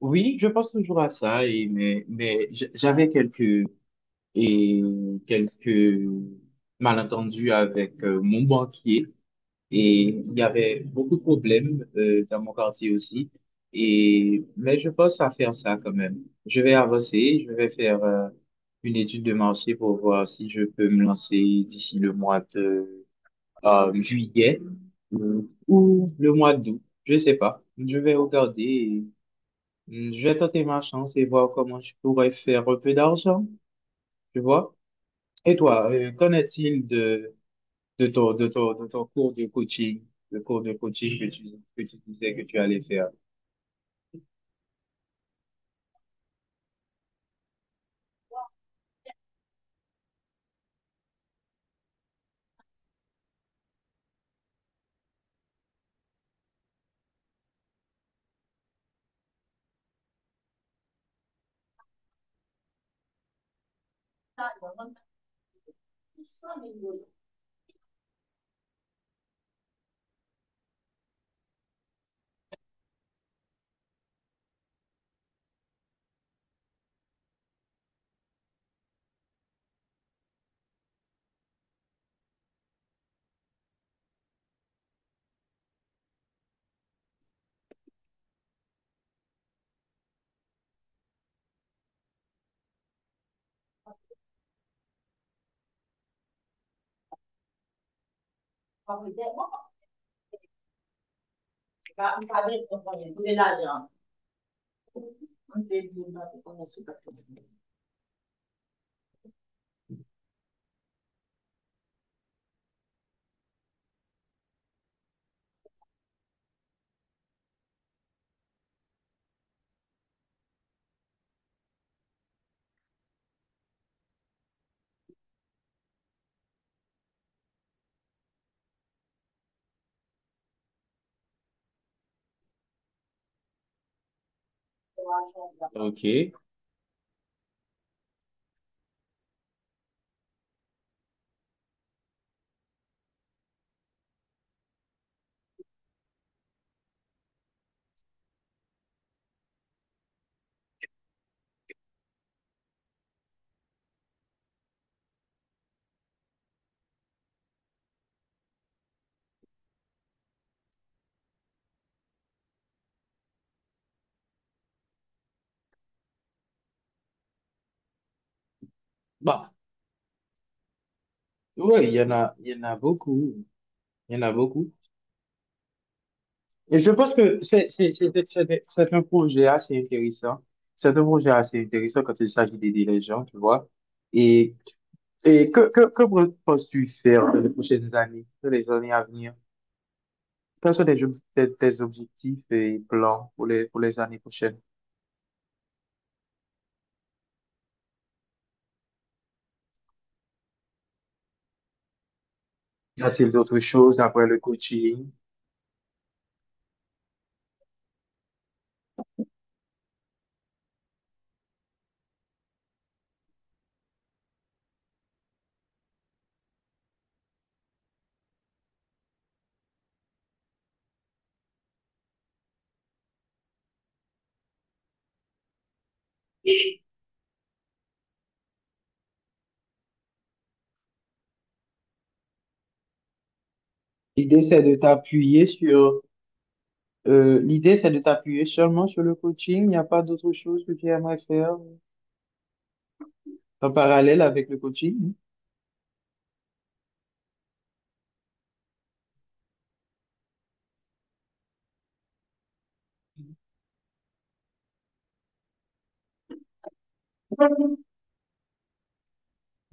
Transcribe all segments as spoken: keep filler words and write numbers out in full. Oui, je pense toujours à ça, et, mais, mais j- j'avais quelques, et, quelques malentendus avec euh, mon banquier et il y avait beaucoup de problèmes euh, dans mon quartier aussi. Et, mais je pense à faire ça quand même. Je vais avancer, je vais faire euh, une étude de marché pour voir si je peux me lancer d'ici le mois de euh, juillet euh, ou le mois d'août. Je sais pas. Je vais regarder. Hmm. Je vais tenter ma chance et voir comment je pourrais faire un peu d'argent, tu vois. Et toi, euh, qu'en est-il de, de ton, de ton, de ton cours de coaching, le cours de coaching que tu, que tu disais que tu allais faire? OK. Bah, ouais, il y en a, il y en a beaucoup. Il y en a beaucoup. Et je pense que c'est, c'est, c'est, c'est c'est un projet assez intéressant. C'est un projet assez intéressant quand il s'agit d'aider les gens, tu vois. Et, et que, que, que penses-tu faire dans les prochaines années, dans les années à venir? Quels sont tes, ob- tes- tes objectifs et plans pour les, pour les années prochaines? Y a-t-il d'autres choses après le coaching? L'idée, c'est de t'appuyer sur, euh, l'idée, c'est de t'appuyer seulement sur le coaching. Il n'y a pas d'autre chose que tu aimerais faire en parallèle avec le coaching.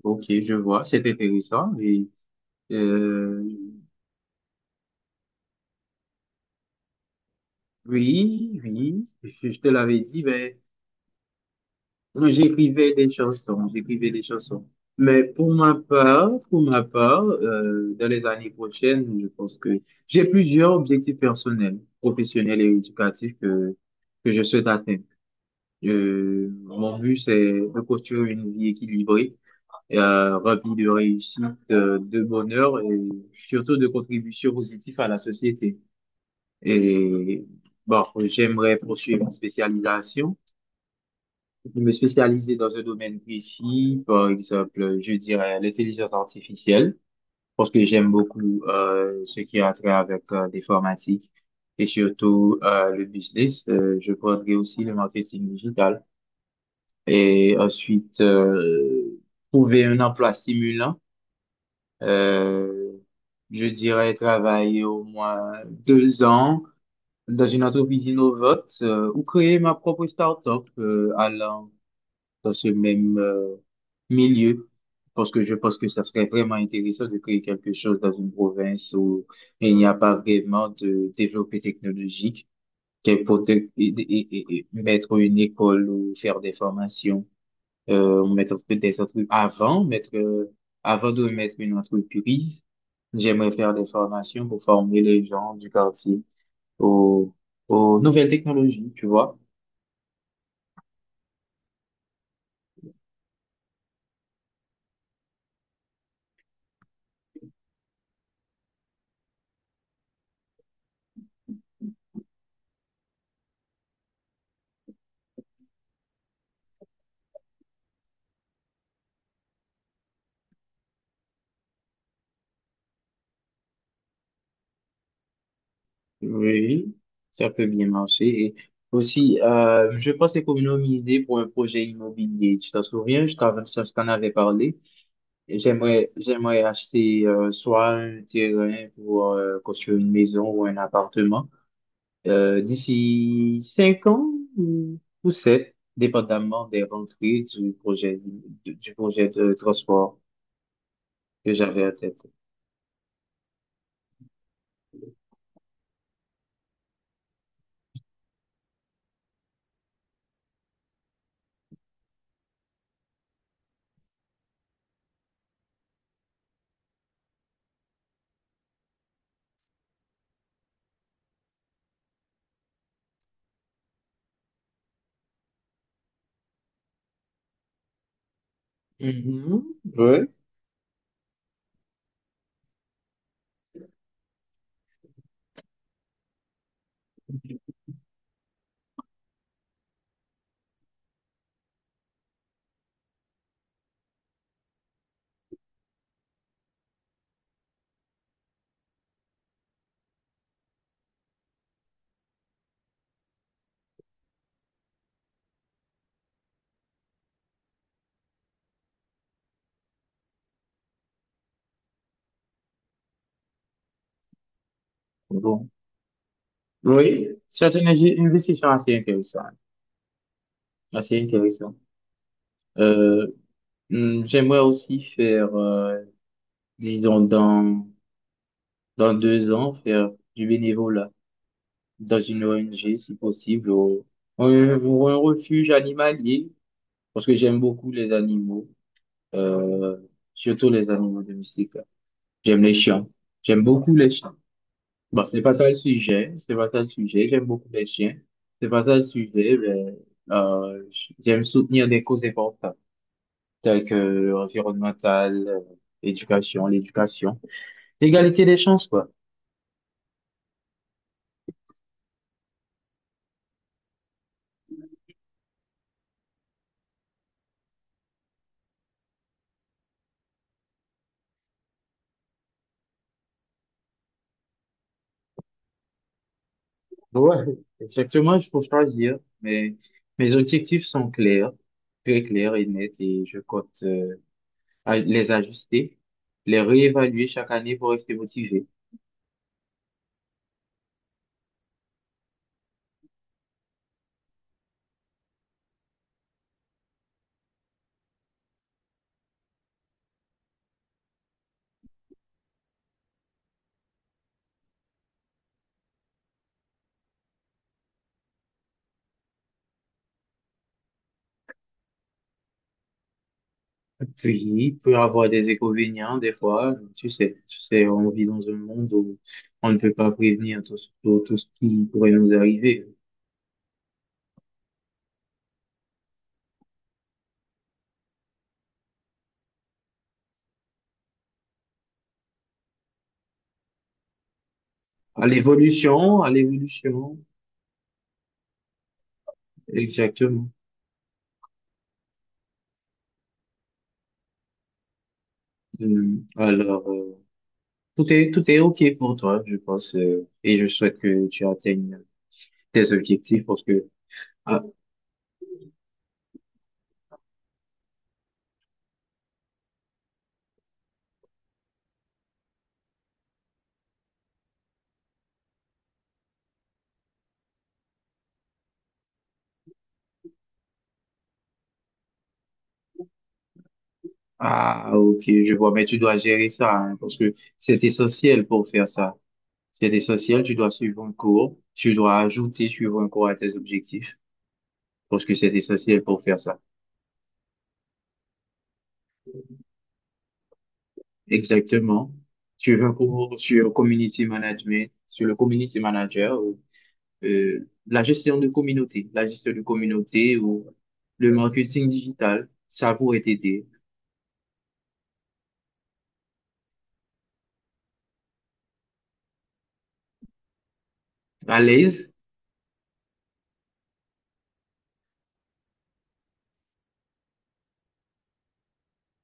Ok, je vois, c'est intéressant. Et, euh, oui, oui, je, je te l'avais dit, Ben. Oui, j'écrivais des chansons, j'écrivais des chansons. Mais pour ma part, pour ma part, euh, dans les années prochaines, je pense que j'ai plusieurs objectifs personnels, professionnels et éducatifs que, que je souhaite atteindre. Euh, mon but, c'est de construire une vie équilibrée, euh, remplie de réussite, euh, de bonheur et surtout de contribution positive à la société. Et bon, j'aimerais poursuivre une spécialisation, je me spécialiser dans un domaine précis. Par exemple, je dirais l'intelligence artificielle, parce que j'aime beaucoup euh, ce qui a trait avec euh, l'informatique et surtout euh, le business. Euh, je prendrai aussi le marketing digital et ensuite euh, trouver un emploi stimulant. Euh, je dirais travailler au moins deux ans dans une entreprise innovante euh, ou créer ma propre start-up euh, allant dans ce même euh, milieu. Parce que je pense que ça serait vraiment intéressant de créer quelque chose dans une province où il n'y a pas vraiment de développé technologique, qu'elle peut et, et- et- et mettre une école ou faire des formations, euh, ou mettre des entreprises. Avant, mettre, euh, avant de mettre une entreprise, j'aimerais faire des formations pour former les gens du quartier aux, aux nouvelles technologies, tu vois. Oui, ça peut bien marcher. Et aussi, euh, je pense économiser pour un projet immobilier. Tu t'en souviens, je t'en je t'en avais parlé. Et j'aimerais, j'aimerais acheter euh, soit un terrain pour euh, construire une maison ou un appartement euh, d'ici cinq ans ou ou sept, dépendamment des rentrées du projet du, du projet de transport que j'avais en tête. Mhm, ouais. Bon. Oui, c'est une inve- une investition assez intéressante. Ah, c'est intéressant. Euh, hmm, j'aimerais aussi faire, euh, disons, dans, dans deux ans, faire du bénévolat dans une O N G, si possible, ou, ou un ou un refuge animalier, parce que j'aime beaucoup les animaux, euh, surtout les animaux domestiques. J'aime les chiens. J'aime beaucoup les chiens. Bon, c'est pas ça le sujet, c'est pas ça le sujet. J'aime beaucoup les chiens. C'est pas ça le sujet, mais, euh, j'aime soutenir des causes importantes, tels que l'environnemental, euh, l'éducation, l'éducation. L'égalité des chances, quoi. Ouais, exactement, il faut choisir. Mais mes objectifs sont clairs, très clairs et nets, et je compte euh, à- les ajuster, les réévaluer chaque année pour rester motivé. Puis, il peut avoir des inconvénients des fois. Tu sais, tu sais, on vit dans un monde où on ne peut pas prévenir tout, ce- tout, tout ce qui pourrait nous arriver. À l'évolution, à l'évolution, exactement. Hmm. Alors, euh, tout est, tout est OK pour toi, je pense, euh, et je souhaite que tu atteignes tes objectifs parce que, ah, ah, OK, je vois, mais tu dois gérer ça, hein, parce que c'est essentiel pour faire ça. C'est essentiel, tu dois suivre un cours, tu dois ajouter suivre un cours à tes objectifs, parce que c'est essentiel pour faire ça. Exactement. Tu veux un cours sur community management, sur le community manager, euh, euh, la gestion de communauté, la gestion de communauté ou le marketing digital, ça pourrait t'aider. À l'aise,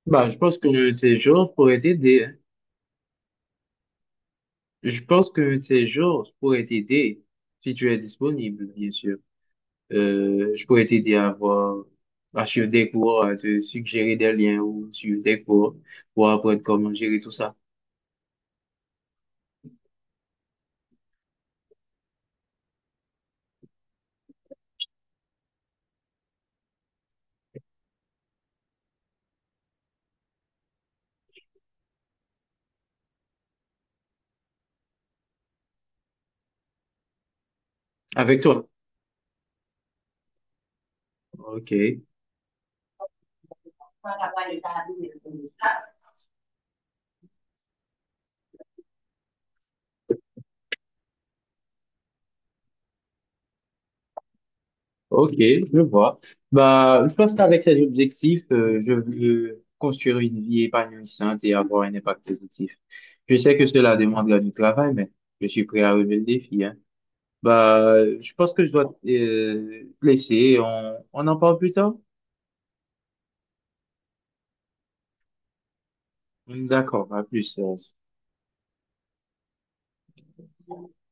bah, je pense que ces jours pourraient t'aider, hein. Je pense que ces jours pourraient t'aider si tu es disponible, bien sûr. Euh, je pourrais t'aider à avoir, à suivre des cours, à te suggérer des liens ou suivre des cours pour apprendre comment gérer tout ça avec toi. Ok. Ok, je vois. Bah, je pense qu'avec cet objectif, euh, je veux construire une vie épanouissante et avoir un impact positif. Je sais que cela demandera du travail, mais je suis prêt à relever le défi, hein. Bah, je pense que je dois euh, te laisser. On, on en parle plus tard? D'accord, à plus. Euh,